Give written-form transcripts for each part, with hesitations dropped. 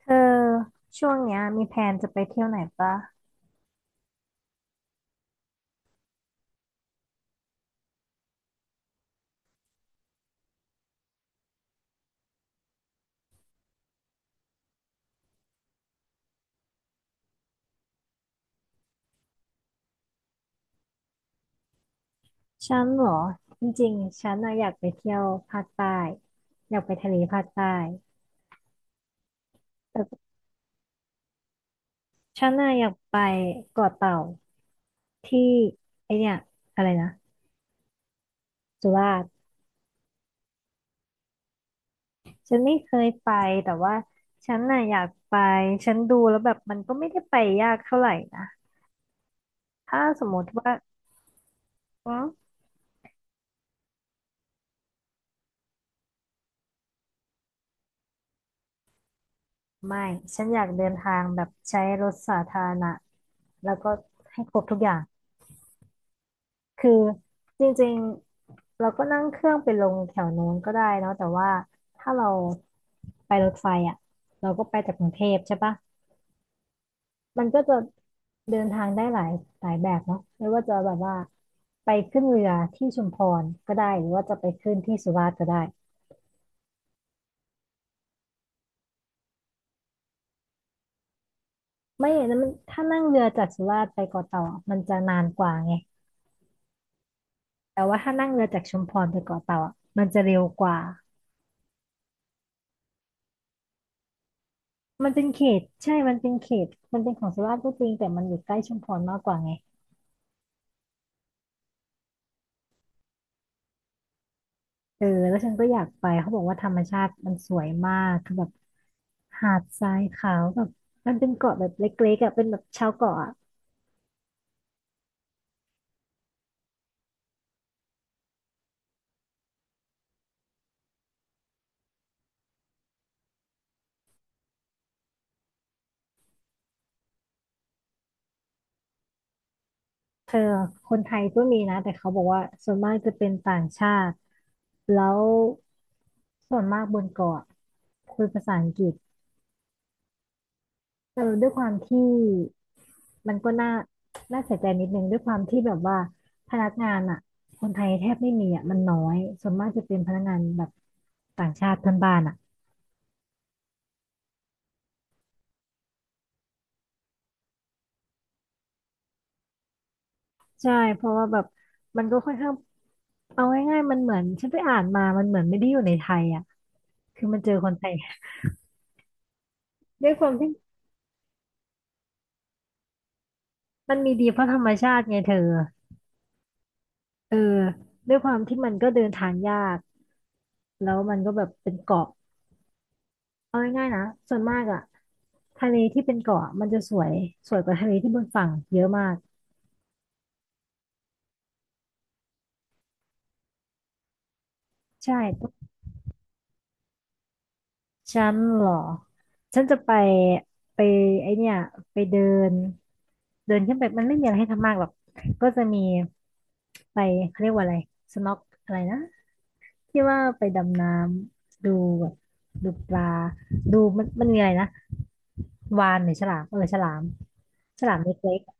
เธอช่วงเนี้ยมีแพลนจะไปเที่ยวไหนปะฉันเหรอจริงๆฉันน่ะอยากไปเที่ยวภาคใต้อยากไปทะเลภาคใต้แต่ฉันน่ะอยากไปเกาะเต่าที่ไอเนี่ยอะไรนะสุราษฎร์ฉันไม่เคยไปแต่ว่าฉันน่ะอยากไปฉันดูแล้วแบบมันก็ไม่ได้ไปยากเท่าไหร่นะถ้าสมมติว่าอืมไม่ฉันอยากเดินทางแบบใช้รถสาธารณะแล้วก็ให้ครบทุกอย่าง คือจริงๆเราก็นั่งเครื่องไปลงแถวโน้นก็ได้เนาะแต่ว่าถ้าเราไปรถไฟอ่ะเราก็ไปจากกรุงเทพใช่ปะมันก็จะเดินทางได้หลายแบบเนาะไม่ว่าจะแบบว่าไปขึ้นเรือที่ชุมพรก็ได้หรือว่าจะไปขึ้นที่สุราษฎร์ก็ได้ไม่อย่างนั้นมันถ้านั่งเรือจากสุราษฎร์ไปเกาะเต่าอะมันจะนานกว่าไงแต่ว่าถ้านั่งเรือจากชุมพรไปเกาะเต่าอะมันจะเร็วกว่า มันเป็นเขตใช่มันเป็นเขตมันเป็นของสุราษฎร์ก็จริงแต่มันอยู่ใกล้ชุมพรมากกว่าไงเออแล้วฉันก็อยากไปเขาบอกว่าธรรมชาติมันสวยมากคือแบบหาดทรายขาวแบบมันเป็นเกาะแบบเล็กๆอ่ะเป็นแบบชาวเกาะอะเธอคนไทยก็มีนะแต่เขาบอกว่าส่วนมากจะเป็นต่างชาติแล้วส่วนมากบนเกาะคุยภาษาอังกฤษเออด้วยความที่ มันก็น่าเสียใจนิดนึงด้วยความที่แบบว่าพนักงานอ่ะคนไทยแทบไม่มีอ่ะมันน้อยส่วนมากจะเป็นพนักงานแบบต่างชาติเพื่อนบ้านอ่ะใช่เพราะว่าแบบมันก็ค่อนข้างเอาง่ายๆมันเหมือนฉันไปอ่านมามันเหมือนไม่ได้อยู่ในไทยอ่ะคือมันเจอคนไทย ด้วยความที่มันมีดีเพราะธรรมชาติไงเธอเออด้วยความที่มันก็เดินทางยากแล้วมันก็แบบเป็นเกาะเอาง่ายๆนะส่วนมากอ่ะทะเลที่เป็นเกาะมันจะสวยสวยกว่าทะเลที่บนฝั่งเยอะมาก ใช่ฉันเหรอฉันจะไปไปไอเนี่ยไปเดินเดินขึ้นไปมันไม่มีอะไรให้ทำมากหรอกก็จะมีไปเขาเรียกว่าอะไรสน็อกอะไรนะที่ว่าไปดำน้ำดูแบบดูปลาดูมันมีอะไรนะวาฬหรือฉลามฉลามเล็กๆอะ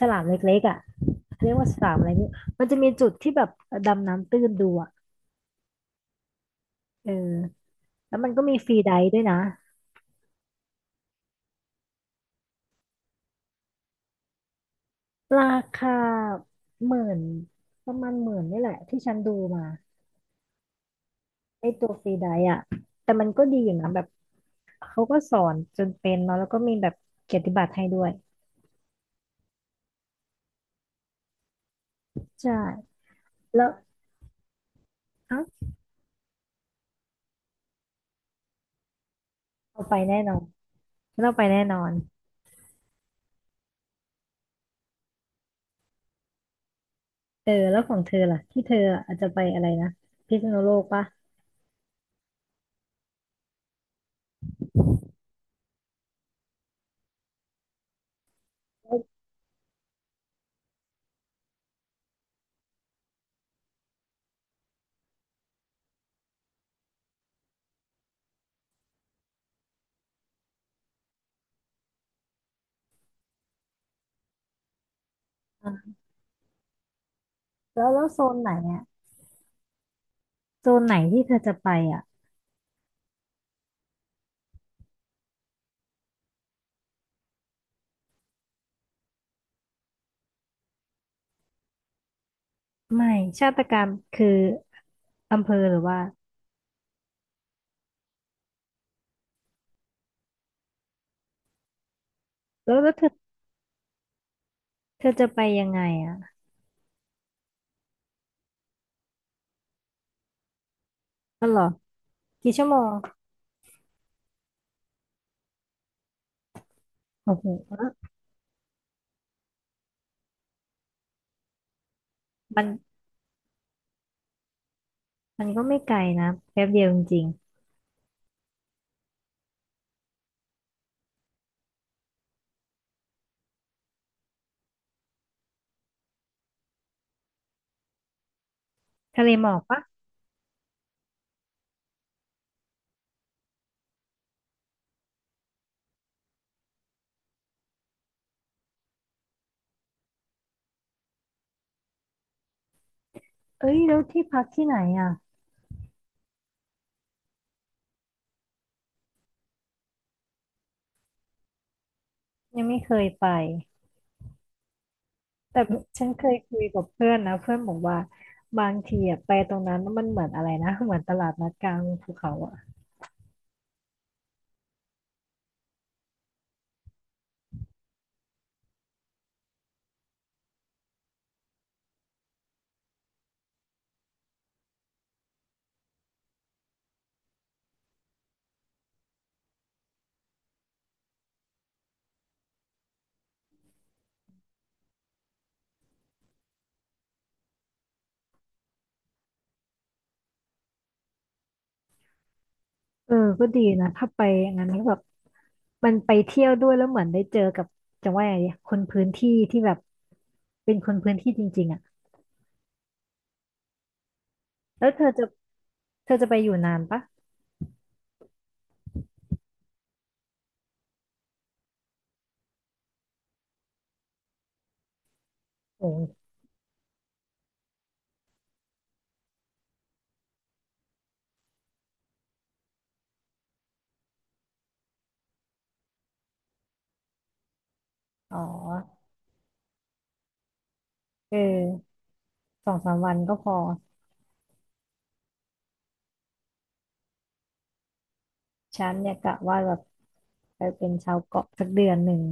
ฉลามเล็กๆอ่ะเรียกว่าฉลามอะไรนี่มันจะมีจุดที่แบบดำน้ำตื้นดูอ่ะเออแล้วมันก็มีฟรีไดฟ์ด้วยนะ ราคาหมื่นประมาณหมื่นนี่แหละที่ฉันดูมาไอตัวฟรีไดอะแต่มันก็ดีอยู่นะแบบเขาก็สอนจนเป็นเนาะแล้วก็มีแบบเกียรติบัตรให้ด้วยใช่แล้วเอ้าเราไปแน่นอนเราไปแน่นอนเออแล้วของเธอล่ะที่เธออาจจะไปอะไรนะพิษณุโลกปะแล้วอ่ะแล้วโซนไหนอ่ะโซนไหนที่เธอจะไปอ่ะไม่ชาตการคืออำเภอหรือว่าแล้วเธอจะไปยังไงอ่ะอ๋อเหรอกี่ชั่วโมง โอ้โหมันมันก็ไม่ไกลนะแป๊บเดียวจริงๆทะเลหมอกปะเอ้ยแล้วที่พักที่ไหนอ่ะยังไม่เคยไปแต่ฉันเคยคุยกับเพื่อนนะเพื่อนบอกว่าบางทีอะไปตรงนั้นมันเหมือนอะไรนะเหมือนตลาดนัดกลางภูเขาอ่ะเออก็ดีนะถ้าไปอย่างนั้นก็แบบมันไปเที่ยวด้วยแล้วเหมือนได้เจอกับจะว่าไงดีคนพื้นที่ที่แบบเป็นคนพื้นที่จริงๆอ่ะแล้วเธอจะเธอจะไปอยู่นานปะโอ้ยอ๋อเออสองสามวันก็พอ ฉันเนี่ยกะว่าแบบไปเป็นชาวเกาะสักเดือนหนึ่ง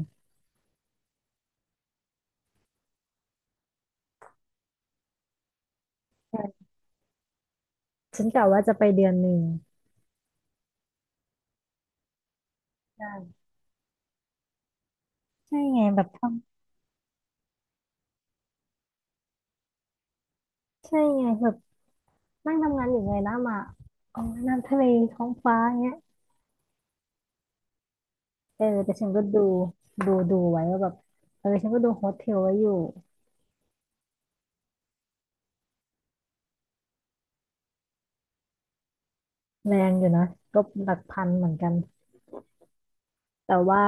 ใช่ฉันกะว่าจะไปเดือนหนึ่งใช่ใช่ไงแบบทำใช่ไงแบบนั่งทำงานอยู่ไงนำอ่ะมาอ๋อน้ำทะเลท้องฟ้าเงี้ยเออแต่ฉันก็ดูไว้ว่าแบบเออฉันก็ดูโฮสเทลไว้อยู่แรงอยู่นะก็หลักพันเหมือนกันแต่ว่า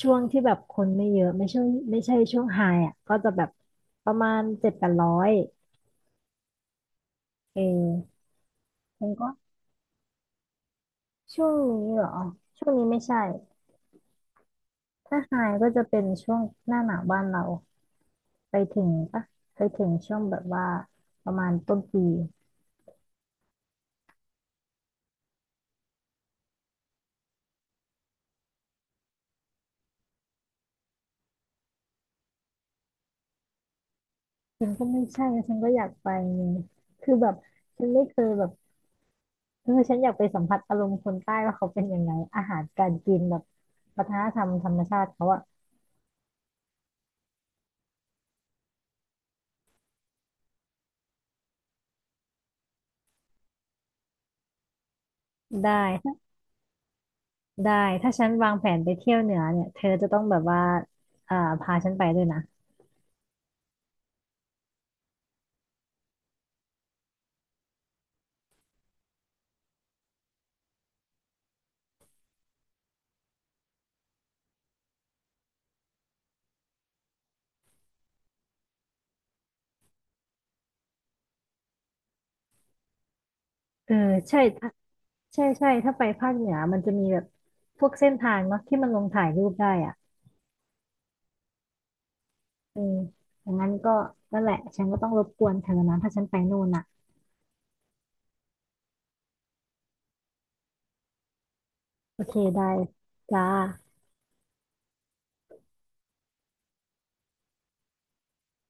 ช่วงที่แบบคนไม่เยอะไม่ใช่ช่วงไฮอ่ะก็จะแบบประมาณ700-800เออมันก็ช่วงนี้เหรอช่วงนี้ไม่ใช่ ถ้าไฮก็จะเป็นช่วงหน้าหนาวบ้านเราไปถึงปะไปถึงช่วงแบบว่าประมาณต้นปีฉันก็ไม่ใช่ฉันก็อยากไปนี่คือแบบฉันไม่เคยแบบเออฉันอยากไปสัมผัสอารมณ์คนใต้ว่าเขาเป็นยังไงอาหารการกินแบบวัฒนธรรมธรรมชาติเขาอะได้ได้ถ้าฉันวางแผนไปเที่ยวเหนือเนี่ยเธอจะต้องแบบว่าอ่าพาฉันไปด้วยนะเออใช่ถ้าใช่ถ้าไปภาคเหนือมันจะมีแบบพวกเส้นทางเนาะที่มันลงถ่ายรูปได้อะ เอออย่างนั้นก็นั่นแหละฉันก็ต้องรบกวนเธอนะถ้าฉันไปนู่นน่ะโอเคได้จ้า